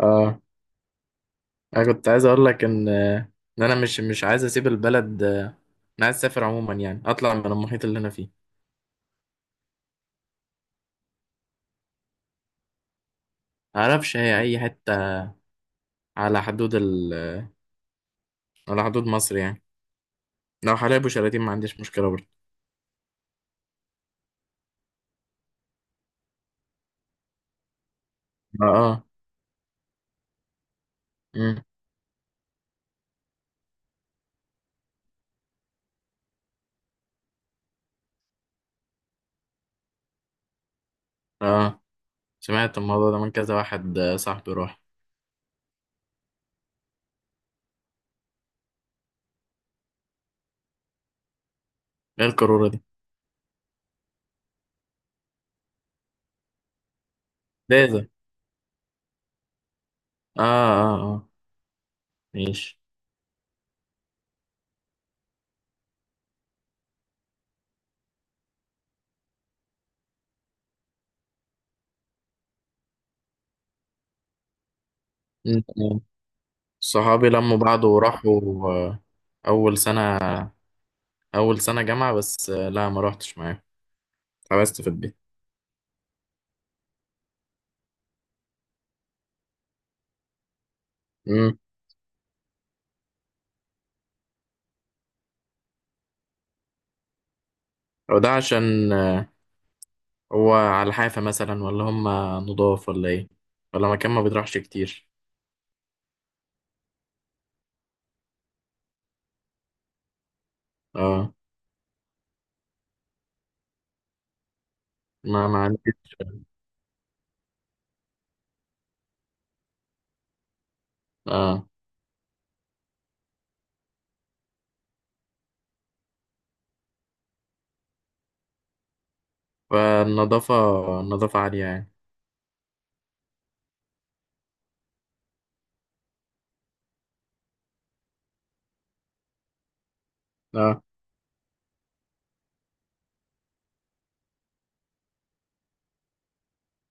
اه، انا كنت عايز اقول لك ان انا مش عايز اسيب البلد، انا عايز اسافر عموما، يعني اطلع من المحيط اللي انا فيه. معرفش هي اي حته، على حدود ال... على حدود مصر يعني. لو حلايب وشلاتين ما عنديش مشكله برضه. اه. اه. مم. اه، سمعت الموضوع ده من كذا واحد، صاحبي راح. ايه القاروره دي؟ ده اه اه اه. ماشي. مم. صحابي لموا بعض وراحوا. آه، اول سنه اول سنه جامعه بس، لا ما روحتش معاهم. اتحبست في البيت. أو ده عشان، هو على الحافة مثلا، ولا هم نضاف ولا إيه، ولا مكان ما بيطرحش كتير؟ اه. ما عنديش. اه. فالنظافة، النظافة عالية يعني. اه.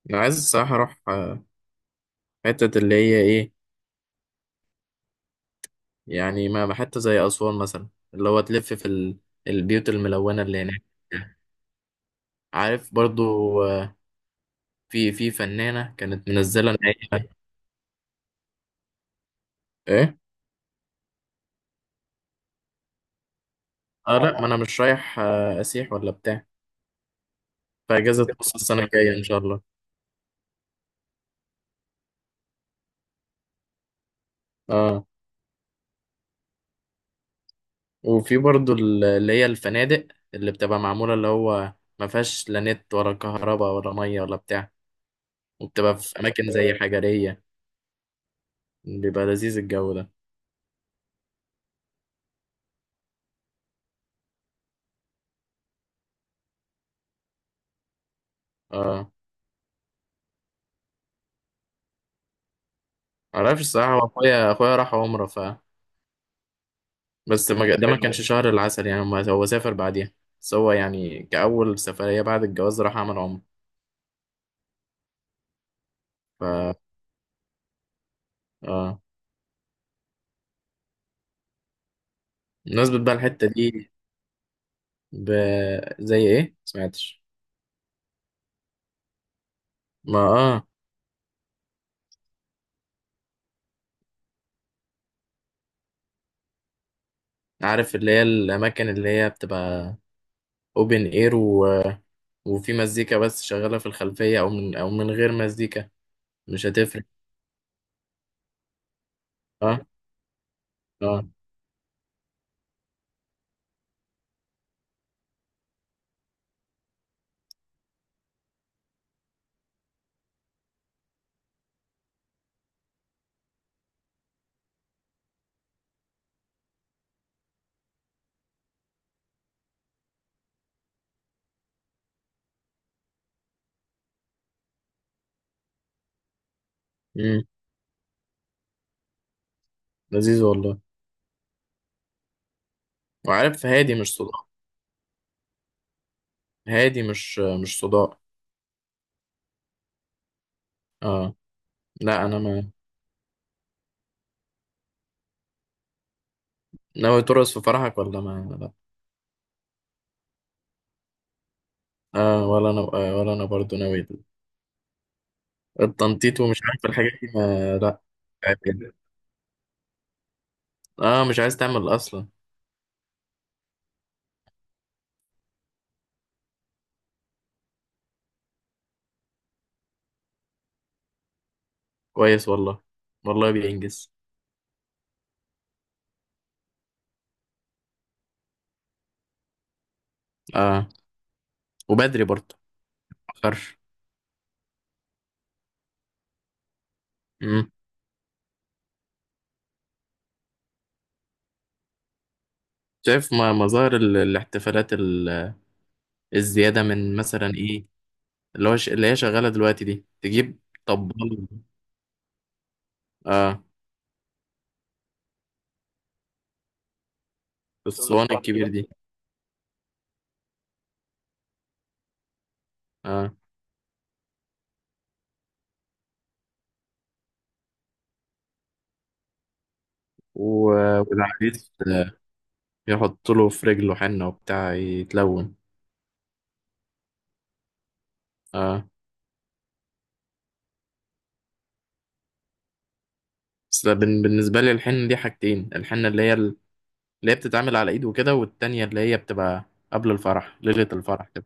أنا عايز الصراحة أروح، حتة اللي هي إيه، يعني ما حتة زي أسوان مثلا، اللي هو تلف في ال... البيوت الملونة اللي هناك. عارف برضو. آه، في فنانة كانت منزلة إن هي إيه. اه، لا ما أنا مش رايح، أسيح ولا بتاع. فأجازة نص السنة الجاية إن شاء الله. اه. وفي برضو ال- اللي هي الفنادق اللي بتبقى معمولة، اللي هو ما فيهاش لا نت ولا كهرباء ولا مية ولا بتاع. وبتبقى في أماكن زي حجرية، بيبقى لذيذ الجو ده. اه. معرفش الصراحة، هو أخويا راح عمرة. ف بس ما ج- ده ما حلو كانش شهر العسل يعني، ما- هو سافر بعديها. بس هو يعني كأول سفرية بعد الجواز راح عمل عمرة. ف اه، بمناسبة بقى الحتة دي، ب... زي إيه؟ سمعتش؟ ما اه. عارف اللي هي الأماكن اللي هي بتبقى اوبن اير، وفي مزيكا بس شغالة في الخلفية، أو من أو من غير مزيكا. مش هتفرق. اه. اه. امم. لذيذ والله. وعارف هادي مش صداع. هادي مش صداع. اه، لا أنا ما. ناوي ترقص في فرحك ولا ما لا؟ اه، ولا أنا، آه ولا أنا برضو ناوي. التنطيط ومش عارف الحاجات دي ما لا. اه، مش عايز تعمل أصلا. كويس والله. والله بينجز. اه. وبدري برضه. متأخرش. امم. شايف ما- مظاهر ال- الاحتفالات ال- الزيادة، من مثلا ايه اللي هو ش... اللي هي شغالة دلوقتي دي، تجيب طبال. اه. الصواني الكبير دي. اه. و... والعريس، يحط له في رجله حنة وبتاع يتلون. اه. بس ده بن... بالنسبة لي الحنة دي حاجتين: الحنة اللي هي ال- اللي هي بتتعمل على ايد وكده، والتانية اللي هي بتبقى قبل الفرح، ليلة الفرح كده.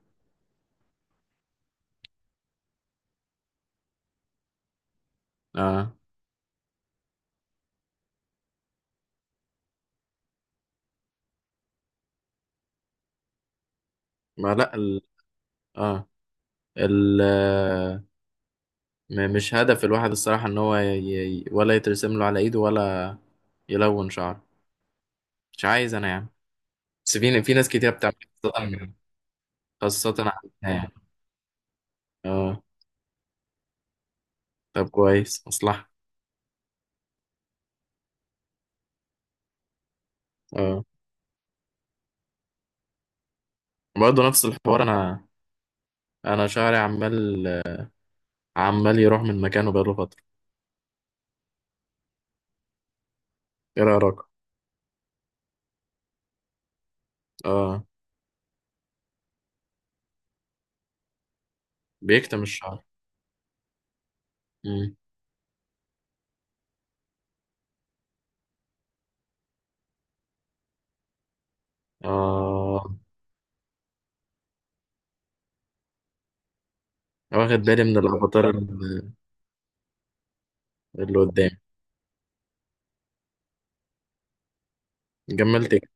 اه. ما لا ال... اه. ال م- مش هدف الواحد الصراحة ان هو ي... ي- ولا يترسم له على ايده، ولا يلون شعره. مش عايز انا يعني. بس في ناس كتير بتعمل، خاصة، خاصة عندنا يعني. اه. طب كويس مصلحة. اه. برضه نفس الحوار. انا، انا شعري عمال، عمال يروح من مكانه بقاله فترة. ايه رأيك؟ اه. بيكتم الشعر. مم. اه، واخد بالي من الافاتار اللي اللي قدامي. جملت إيه؟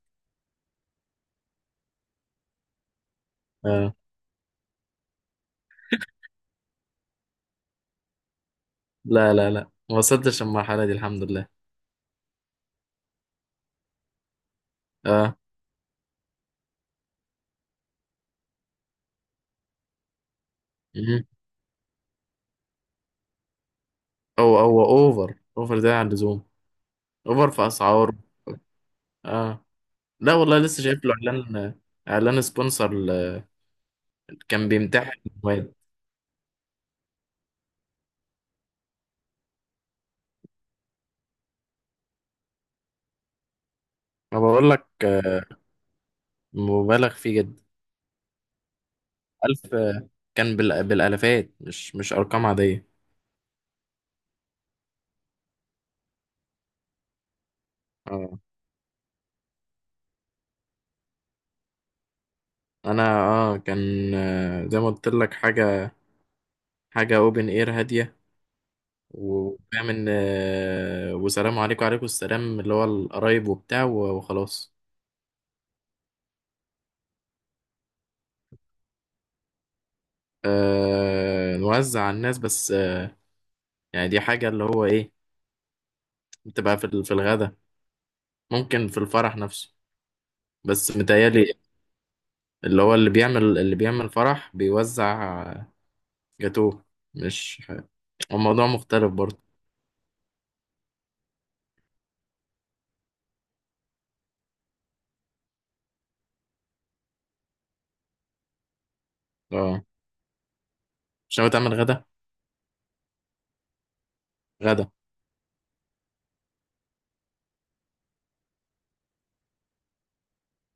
اه. لا لا لا، ما وصلتش المرحلة دي الحمد لله. اه. مم. هو اوفر ده عن اللزوم. اوفر في اسعاره. اه. لا والله لسه شايف له اعلان، اعلان سبونسر ل-. كان بيمتحن مواد. ما بقول لك، مبالغ فيه جدا. الف، كان بال- بالالافات، مش ارقام عاديه. اه. انا اه كان، زي ما قلت لك، حاجه اوبن اير هاديه. وفاهم ان، وسلام عليكم وعليكم السلام، اللي هو القرايب وبتاع و- وخلاص. آه، نوزع على الناس بس، يعني دي حاجه اللي هو ايه، بتبقى في ال- في الغدا، ممكن في الفرح نفسه. بس متهيألي اللي هو اللي بيعمل فرح بيوزع جاتوه. مش ح-. هو الموضوع مختلف برضه. اه. مش ناوي تعمل غدا؟ غدا.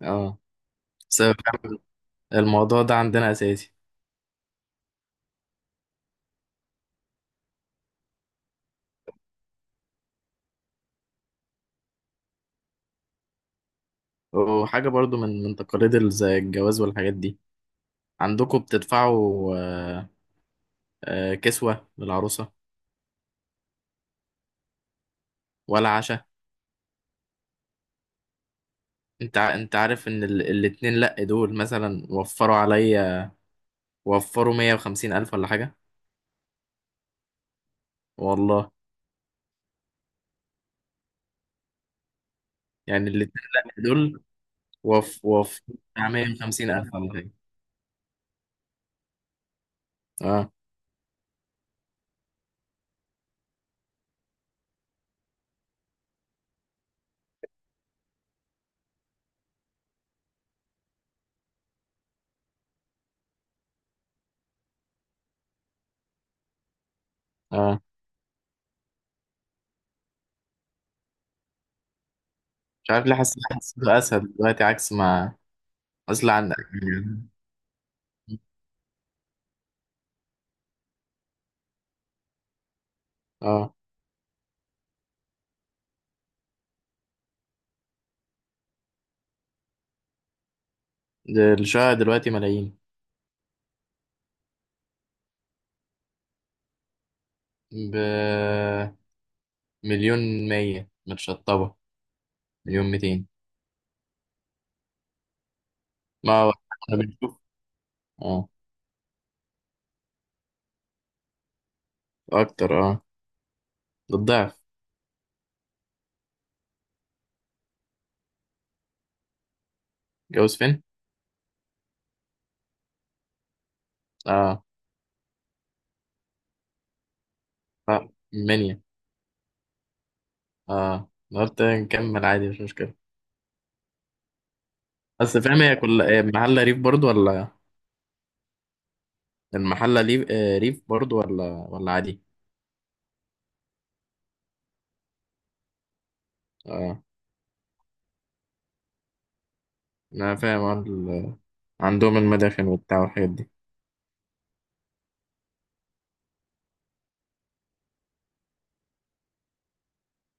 اه. بس فعلاً الموضوع ده عندنا اساسي. وحاجة برضو من تقاليد ال- زي الجواز والحاجات دي، عندكم بتدفعوا، آه، كسوة للعروسة، ولا عشاء؟ انت ع- انت عارف ان ال- الاتنين لا دول مثلا وفروا عليا، وفروا 150,000 ولا حاجة. والله. يعني الاتنين لا دول. وف وف بتاع 150,000 ولا حاجة. اه. اه. مش عارف ليه حاسس حسيته أسهل دلوقتي عكس ما. أصل عندك. اه. ده الشقة دلوقتي ملايين. بمليون. مية متشطبة. مليون ميتين. ما هو احنا بنشوف. اه. أكتر اه. ده الضعف. جوز فين؟ اه. لا، منيا. اه، أنا قلت نكمل عادي، مش مشكلة. بس فاهم هي كل محلة ريف برضو ولا؟ المحلة ريف، ريف برضو ولا ولا عادي؟ آه. انا فاهم عن- عندهم المداخن وبتاع والحاجات دي.